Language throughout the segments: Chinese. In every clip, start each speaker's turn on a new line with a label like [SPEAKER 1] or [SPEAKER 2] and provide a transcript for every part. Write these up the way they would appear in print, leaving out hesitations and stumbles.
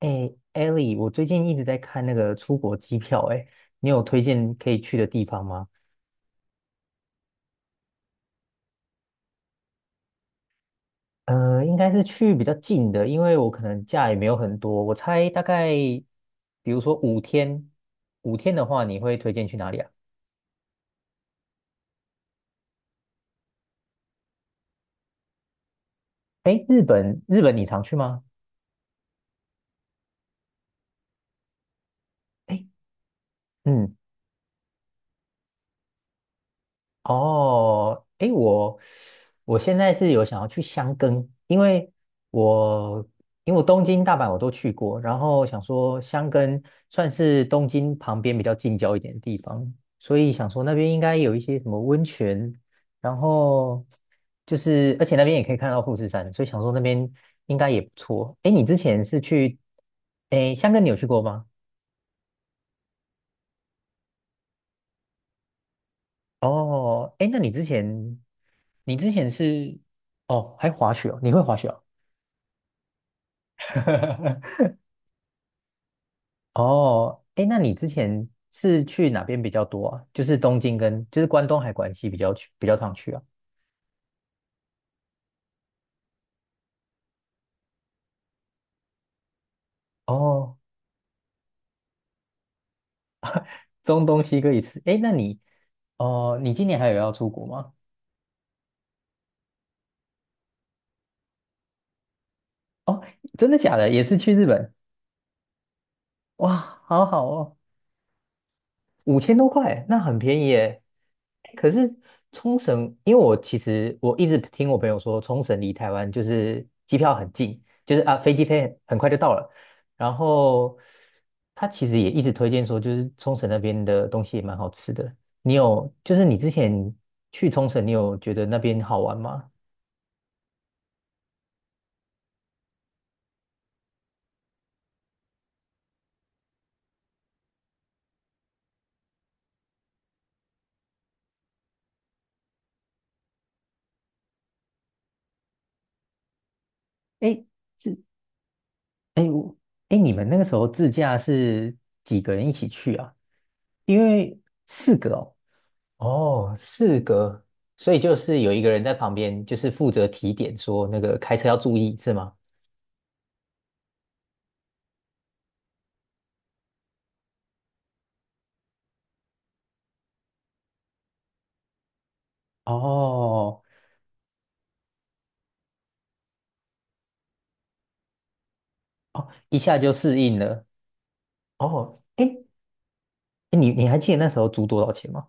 [SPEAKER 1] 哎，Ellie，我最近一直在看那个出国机票，哎，你有推荐可以去的地方吗？应该是去比较近的，因为我可能假也没有很多，我猜大概，比如说五天，五天的话，你会推荐去哪里啊？哎，日本，日本你常去吗？哎，嗯。哦，诶，我现在是有想要去箱根，因为我我东京、大阪我都去过，然后想说箱根算是东京旁边比较近郊一点的地方，所以想说那边应该有一些什么温泉，然后就是而且那边也可以看到富士山，所以想说那边应该也不错。诶，你之前是去，诶，箱根你有去过吗？哦，哎，那你之前，你之前是，哦，还滑雪哦，你会滑雪哦？哦，哎，那你之前是去哪边比较多啊？就是东京跟，就是关东还关西比较去，比较常去啊？哦，中东西各一次。哎，那你，哦，你今年还有要出国吗？哦，真的假的？也是去日本？哇，好好哦。五千多块，那很便宜耶。哎可是冲绳，因为我其实我一直听我朋友说，冲绳离台湾就是机票很近，就是啊飞机飞很快就到了。然后他其实也一直推荐说，就是冲绳那边的东西也蛮好吃的。你有，就是你之前去冲绳，你有觉得那边好玩吗？哎，自，哎，你们那个时候自驾是几个人一起去啊？因为四个哦，哦，四格，所以就是有一个人在旁边，就是负责提点说那个开车要注意，是吗？哦，哦，一下就适应了。哦，哎，你还记得那时候租多少钱吗？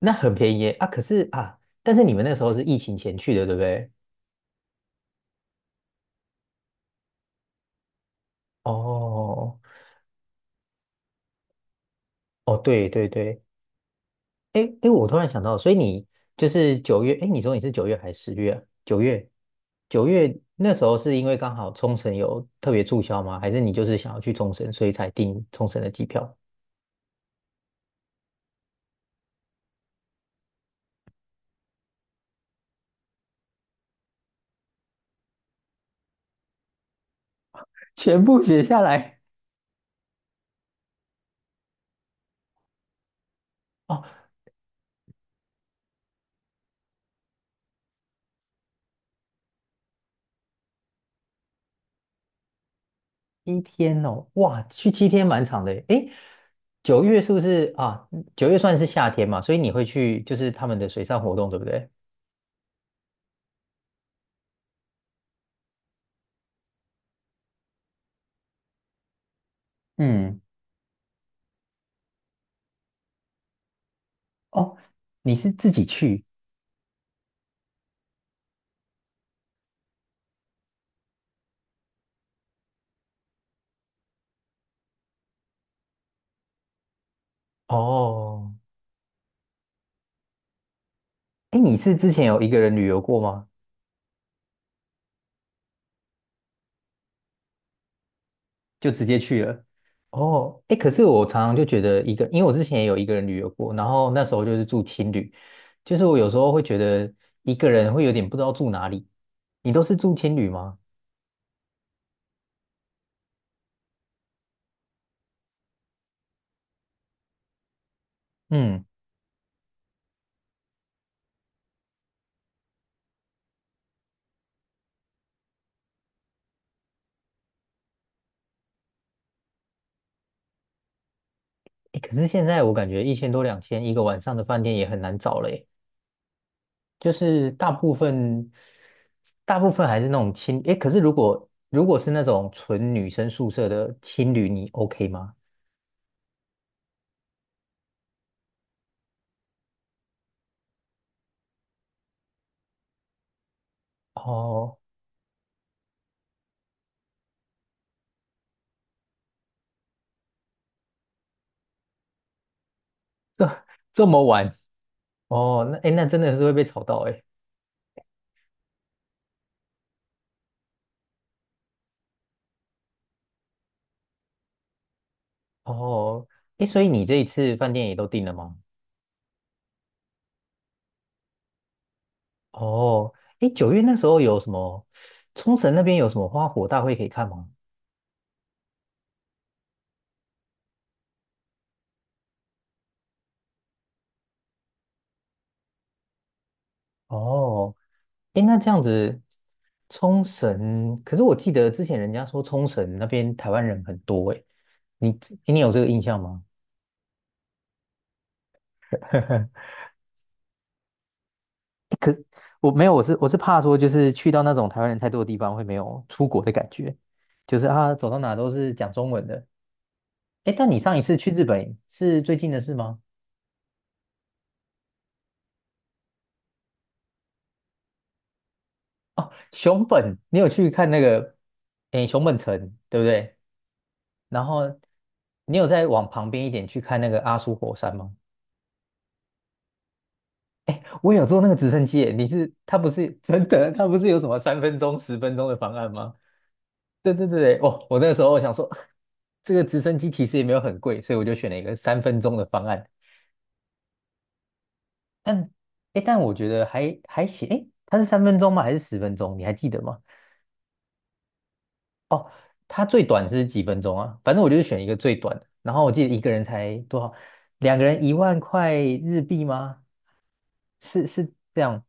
[SPEAKER 1] 那很便宜耶啊，可是啊，但是你们那时候是疫情前去的，对不对？哦，哦，对对对，哎哎，诶我突然想到，所以你就是九月，哎，你说你是九月还是10月啊？九月，九月那时候是因为刚好冲绳有特别促销吗？还是你就是想要去冲绳，所以才订冲绳的机票？全部写下来。哦，七天哦，哇，去七天蛮长的耶。哎，九月是不是啊？九月算是夏天嘛，所以你会去就是他们的水上活动，对不对？嗯，哦，你是自己去？哦，哎，你是之前有一个人旅游过吗？就直接去了。哦，哎，可是我常常就觉得一个，因为我之前也有一个人旅游过，然后那时候就是住青旅，就是我有时候会觉得一个人会有点不知道住哪里。你都是住青旅吗？嗯，哎，可是现在我感觉一千多两千一个晚上的饭店也很难找了耶，诶就是大部分还是那种青，哎，可是如果是那种纯女生宿舍的青旅，你 OK 吗？哦，这么晚哦，那哎，诶那真的是会被吵到哎。哦，诶，所以你这一次饭店也都订了吗？哦，诶，九月那时候有什么？冲绳那边有什么花火大会可以看吗？哦，诶，那这样子，冲绳，可是我记得之前人家说冲绳那边台湾人很多，诶，你你有这个印象吗？我没有，我是怕说，就是去到那种台湾人太多的地方，会没有出国的感觉，就是啊，走到哪都是讲中文的。诶，但你上一次去日本是最近的事吗？哦，熊本，你有去看那个，诶，熊本城，对不对？然后你有再往旁边一点去看那个阿苏火山吗？我有坐那个直升机耶，你是，它不是真的，它不是有什么三分钟、十分钟的方案吗？对对对对，哦，我那个时候我想说，这个直升机其实也没有很贵，所以我就选了一个三分钟的方案。但，诶，但我觉得还行，诶，它是三分钟吗？还是十分钟？你还记得吗？哦，它最短是几分钟啊？反正我就是选一个最短的。然后我记得一个人才多少，两个人1万块日币吗？是这样，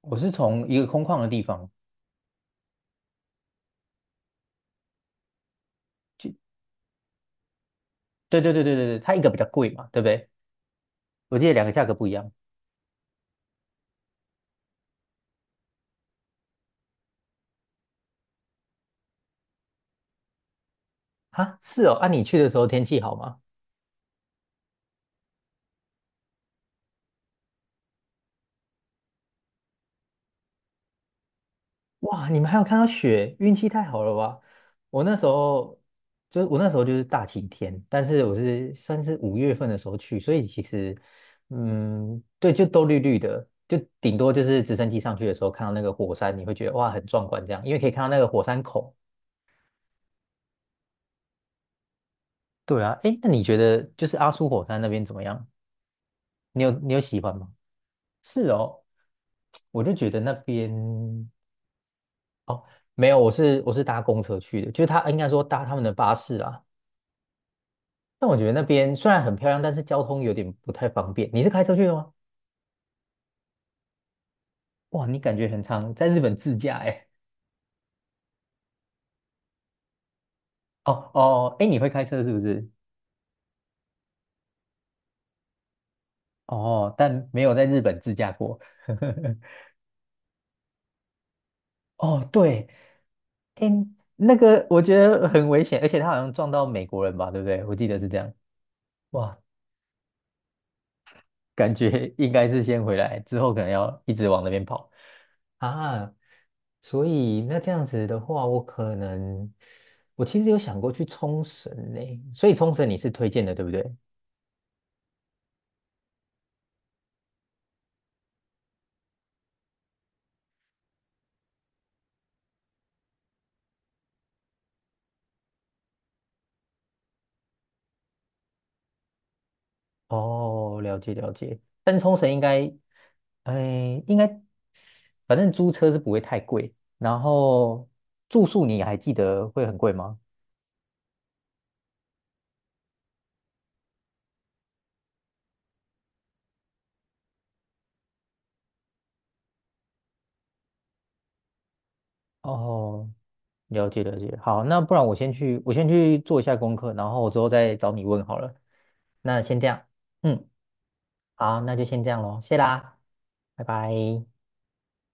[SPEAKER 1] 我是从一个空旷的地方，就对对对对对对，它一个比较贵嘛，对不对？我记得两个价格不一样啊。是哦，啊，你去的时候天气好吗？哇，你们还有看到雪，运气太好了吧！我那时候就是大晴天，但是我是算是5月份的时候去，所以其实嗯，对，就都绿绿的，就顶多就是直升机上去的时候看到那个火山，你会觉得哇很壮观这样，因为可以看到那个火山口。对啊，哎，那你觉得就是阿苏火山那边怎么样？你有喜欢吗？是哦，我就觉得那边哦，没有，我是搭公车去的，就是他应该说搭他们的巴士啦。但我觉得那边虽然很漂亮，但是交通有点不太方便。你是开车去的吗？哇，你感觉很常在日本自驾哎。哦哦，哎，你会开车是不是？哦，但没有在日本自驾过。哦，对，哎，那个我觉得很危险，而且他好像撞到美国人吧，对不对？我记得是这样。哇，感觉应该是先回来，之后可能要一直往那边跑。啊，所以那这样子的话，我可能我其实有想过去冲绳呢，所以冲绳你是推荐的，对不对？哦，了解了解，但是冲绳应该，哎，应该反正租车是不会太贵，然后住宿你还记得会很贵吗？哦，了解了解，好，那不然我先去做一下功课，然后我之后再找你问好了。那先这样，嗯，好，那就先这样咯，谢啦，拜拜。